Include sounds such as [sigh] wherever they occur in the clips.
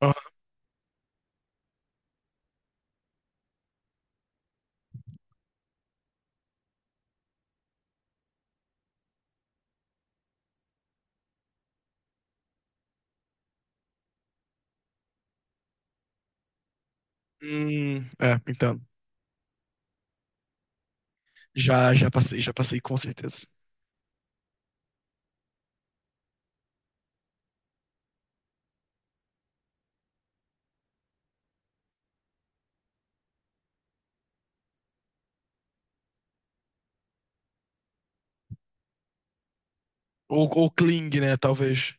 Ah. Hum, é, então. Já passei com certeza. Ou Kling, né? Talvez.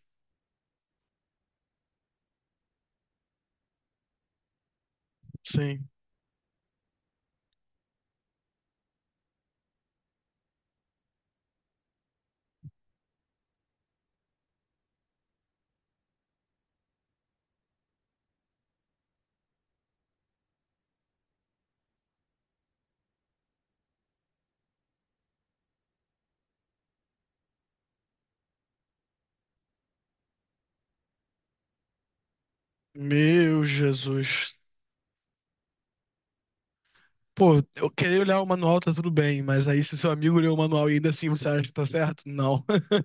Sim. Meu Jesus. Pô, eu queria olhar o manual, tá tudo bem, mas aí se o seu amigo leu o manual e ainda assim você acha que tá certo? Não. [laughs]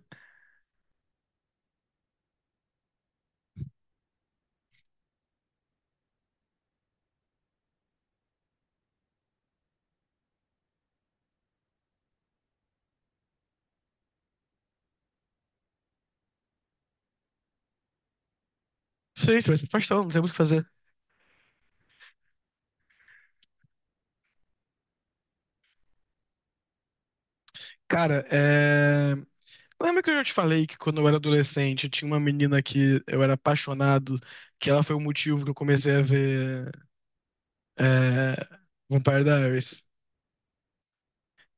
Sim, você vai se afastando, não tem muito o que fazer. Cara, é. Lembra que eu já te falei que quando eu era adolescente tinha uma menina que eu era apaixonado, que ela foi o motivo que eu comecei a ver é... Vampire Diaries?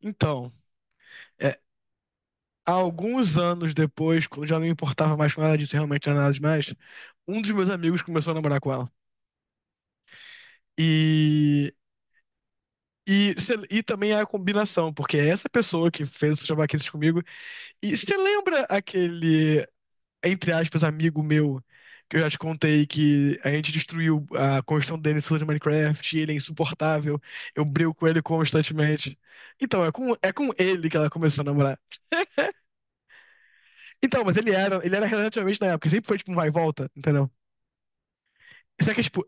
Então. é, Alguns anos depois, quando já não importava mais com nada disso, realmente não era nada demais, um dos meus amigos começou a namorar com ela. E, e também é a combinação, porque é essa pessoa que fez os trabalhos comigo. E você lembra aquele, entre aspas, amigo meu, que eu já te contei que a gente destruiu a construção dele em cima de Minecraft, e ele é insuportável, eu brigo com ele constantemente. Então, é com ele que ela começou a namorar. Então, mas ele era relativamente na época, sempre foi tipo um vai e volta, entendeu? Só que, tipo,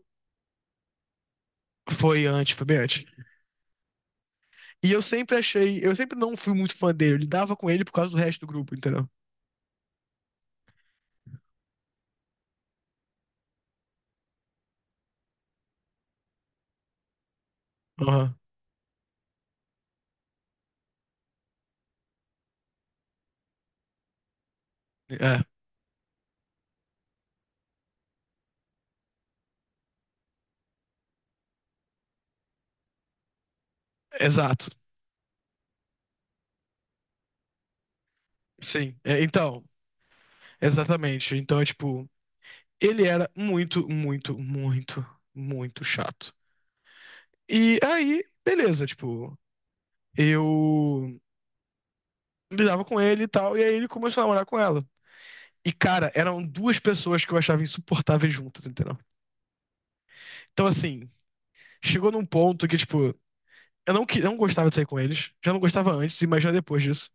foi antes, foi bem antes. E eu sempre achei, eu sempre não fui muito fã dele, eu lidava com ele por causa do resto do grupo, entendeu? Aham. É, exato. Sim. É, então, exatamente. Então, é, tipo, ele era muito, muito, muito, muito chato. E aí, beleza, tipo, eu lidava com ele e tal, e aí ele começou a namorar com ela. E, cara, eram duas pessoas que eu achava insuportáveis juntas, entendeu? Então, assim, chegou num ponto que, tipo, eu não, que- não gostava de sair com eles. Já não gostava antes, imagina depois disso.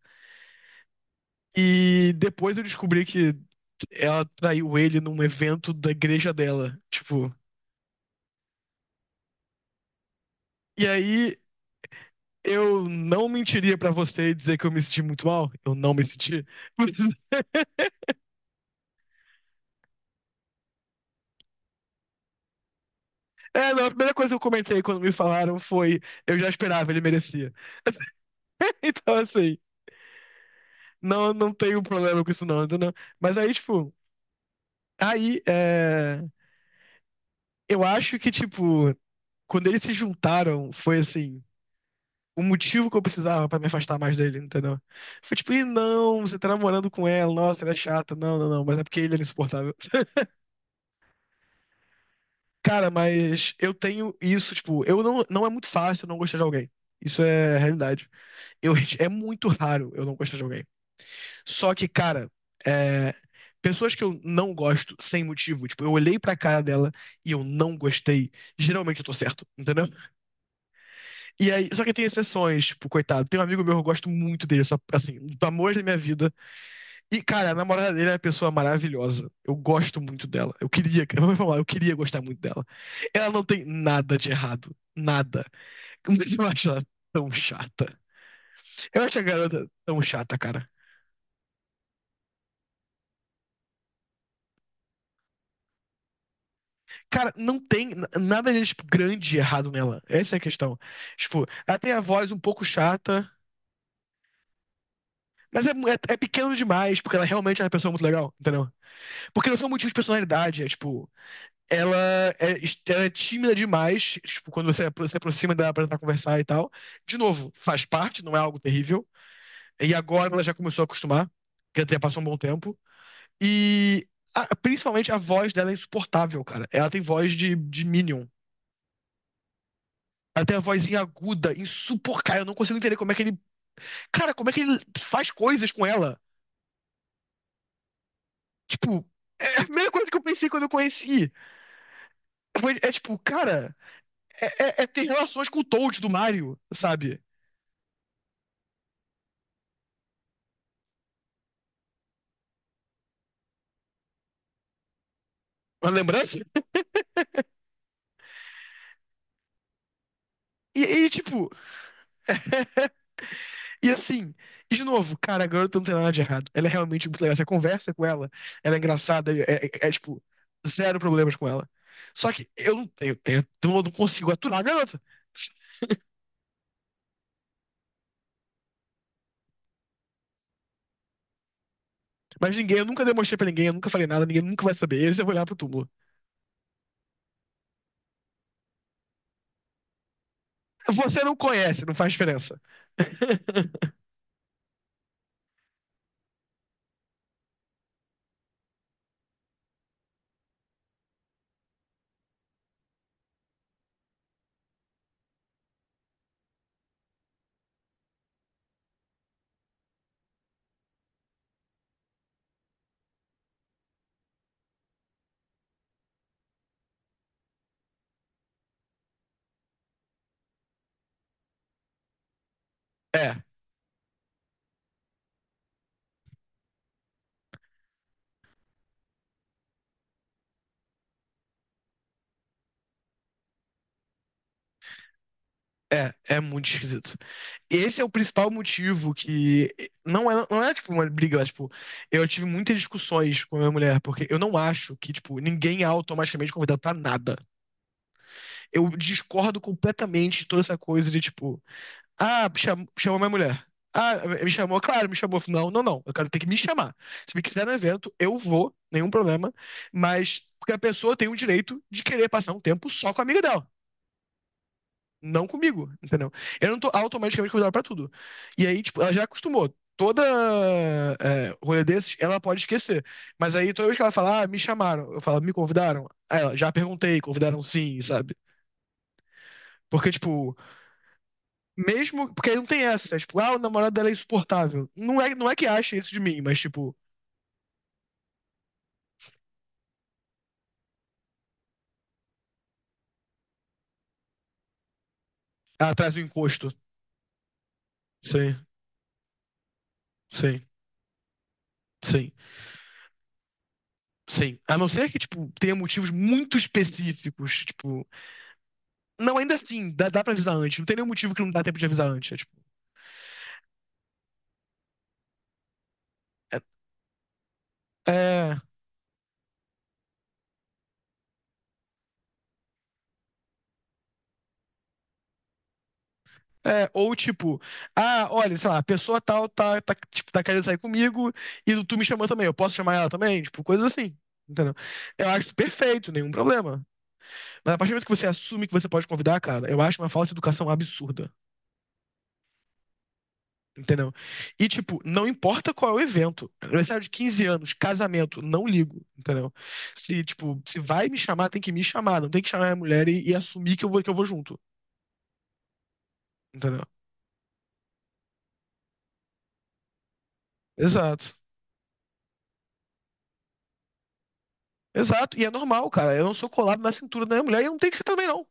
E depois eu descobri que ela traiu ele num evento da igreja dela. Tipo, e aí eu não mentiria pra você e dizer que eu me senti muito mal. Eu não me senti. [laughs] Mas, não, a primeira coisa que eu comentei quando me falaram foi: eu já esperava, ele merecia. [laughs] Então, assim, não, não tenho problema com isso, não, entendeu? Mas aí, tipo, aí é, eu acho que, tipo, quando eles se juntaram, foi assim, o motivo que eu precisava pra me afastar mais dele, entendeu? Foi tipo, ih, não, você tá namorando com ela, nossa, ela é chata, não, não, não, mas é porque ele era insuportável. Cara, mas eu tenho isso, tipo, eu não, não é muito fácil eu não gostar de alguém. Isso é a realidade. Eu, [laughs] é muito raro eu não gostar de alguém. Só que, cara, é, pessoas que eu não gosto sem motivo, tipo, eu olhei pra cara dela e eu não gostei, geralmente eu tô certo, entendeu? E aí, só que tem exceções, tipo, coitado. Tem um amigo meu que eu gosto muito dele, só, assim, do amor da minha vida. E, cara, a namorada dele é uma pessoa maravilhosa. Eu gosto muito dela. Eu queria, [laughs] eu vou falar, eu queria gostar muito dela. Ela não tem nada de errado. Nada. Mas eu acho ela tão chata. Eu acho a garota tão chata, cara. Cara, não tem nada de, tipo, grande e errado nela. Essa é a questão. Tipo, ela tem a voz um pouco chata, mas é pequeno demais, porque ela realmente é uma pessoa muito legal, entendeu? Porque não são motivos de personalidade, é tipo. ela é, ela é tímida demais, tipo, quando você se aproxima dela pra tentar conversar e tal. De novo, faz parte, não é algo terrível. E agora ela já começou a acostumar, que até passou um bom tempo. E principalmente a voz dela é insuportável, cara. Ela tem voz de Minion. Ela tem a vozinha aguda, insuportável. Eu não consigo entender como é que ele. Cara, como é que ele faz coisas com ela? Tipo, é a primeira coisa que eu pensei quando eu conheci. É tipo, cara, é ter relações com o Toad do Mario, sabe? Uma lembrança? E, e tipo, [laughs] e assim, e de novo, cara, a garota não tem nada de errado. Ela é realmente muito legal. Você conversa com ela, ela é engraçada, tipo, zero problemas com ela. Só que eu não consigo aturar a garota. Mas ninguém, eu nunca demonstrei pra ninguém, eu nunca falei nada, ninguém nunca vai saber. Eles vão olhar pro túmulo. Você não conhece, não faz diferença. [laughs] É, é muito esquisito. Esse é o principal motivo que. Não é, não é tipo uma briga, mas, tipo, eu tive muitas discussões com a minha mulher, porque eu não acho que, tipo, ninguém é automaticamente convidado pra nada. Eu discordo completamente de toda essa coisa de, tipo, ah, chamou minha mulher. Ah, me chamou, claro, me chamou. Não, não, não. Eu quero ter que me chamar. Se me quiser no evento, eu vou, nenhum problema. Mas porque a pessoa tem o direito de querer passar um tempo só com a amiga dela não comigo, entendeu? Eu não tô automaticamente convidado pra tudo. E aí, tipo, ela já acostumou. Rolê desses, ela pode esquecer. Mas aí, toda vez que ela fala, ah, me chamaram, eu falo, me convidaram? Aí ela, já perguntei, convidaram sim, sabe? Porque, tipo, mesmo. Porque aí não tem essa, é, tipo, ah, o namorado dela é insuportável. Não é, não é que acha isso de mim, mas, tipo, ela traz o encosto. Sim, sim, sim, sim. A não ser que, tipo, tenha motivos muito específicos, tipo. Não, ainda assim, dá pra avisar antes. Não tem nenhum motivo que não dá tempo de avisar antes. É, é, ou tipo, ah, olha, sei lá, a pessoa tal tipo, tá querendo sair comigo e tu me chamou também, eu posso chamar ela também? Tipo, coisas assim. Entendeu? Eu acho isso perfeito, nenhum problema. Mas a partir do momento que você assume que você pode convidar, cara, eu acho uma falta de educação absurda. Entendeu? E, tipo, não importa qual é o evento. Aniversário de 15 anos, casamento, não ligo, entendeu? Se, tipo, se vai me chamar, tem que me chamar. Não tem que chamar a mulher e assumir que eu vou junto, entendeu? Exato. Exato. E é normal, cara. Eu não sou colado na cintura da minha mulher e não tem que ser também, não.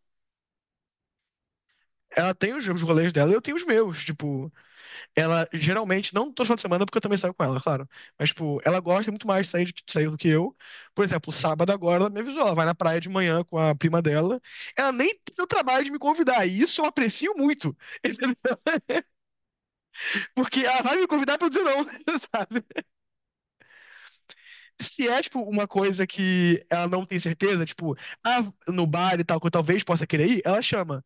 Ela tem os rolês dela e eu tenho os meus. Tipo, ela geralmente, não todo final de semana, porque eu também saio com ela, claro. Mas, tipo, ela gosta muito mais de sair do que eu. Por exemplo, sábado agora, ela me avisou, ela vai na praia de manhã com a prima dela. Ela nem tem o trabalho de me convidar, e isso eu aprecio muito. [laughs] Porque ela vai me convidar pra eu dizer não, [laughs] sabe? Se é, tipo, uma coisa que ela não tem certeza, tipo, ah, no bar e tal, que eu talvez possa querer ir, ela chama.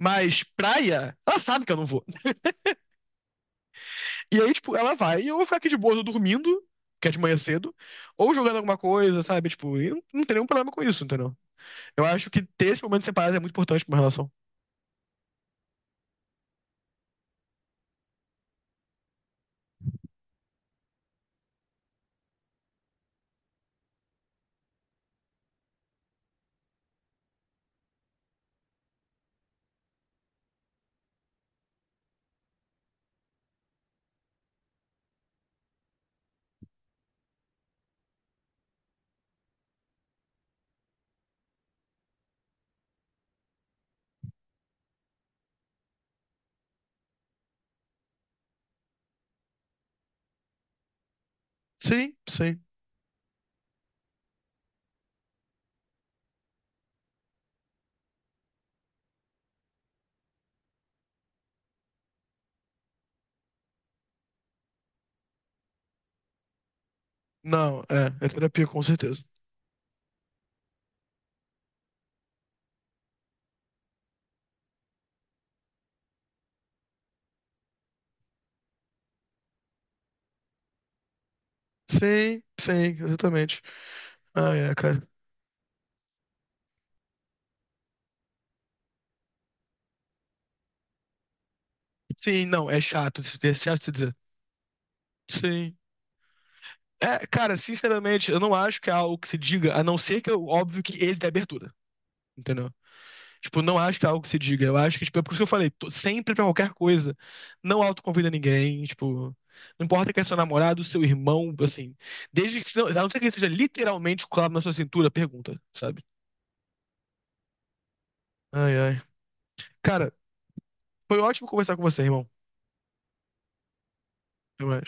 Mas praia, ela sabe que eu não vou. E aí, tipo, ela vai e eu vou ficar aqui de boa, tô dormindo, que é de manhã cedo, ou jogando alguma coisa, sabe? Tipo, e não, não tem nenhum problema com isso, entendeu? Eu acho que ter esse momento separado é muito importante pra uma relação. Sim, sim. Não, é, é terapia, com certeza. Sim, sim, exatamente. Ah, é, cara. Sim, não, é chato, de se- é chato de se dizer. Sim. É, cara, sinceramente, eu não acho que é algo que se diga, a não ser que, é óbvio, que ele dê abertura, entendeu? Tipo, não acho que é algo que se diga. Eu acho que, tipo, é por isso que eu falei, sempre pra qualquer coisa. Não autoconvida ninguém, tipo. Não importa que é seu namorado, seu irmão, assim. Desde que, se não- a não ser que ele seja literalmente colado na sua cintura, pergunta, sabe? Ai, ai. Cara, foi ótimo conversar com você, irmão. Até mais.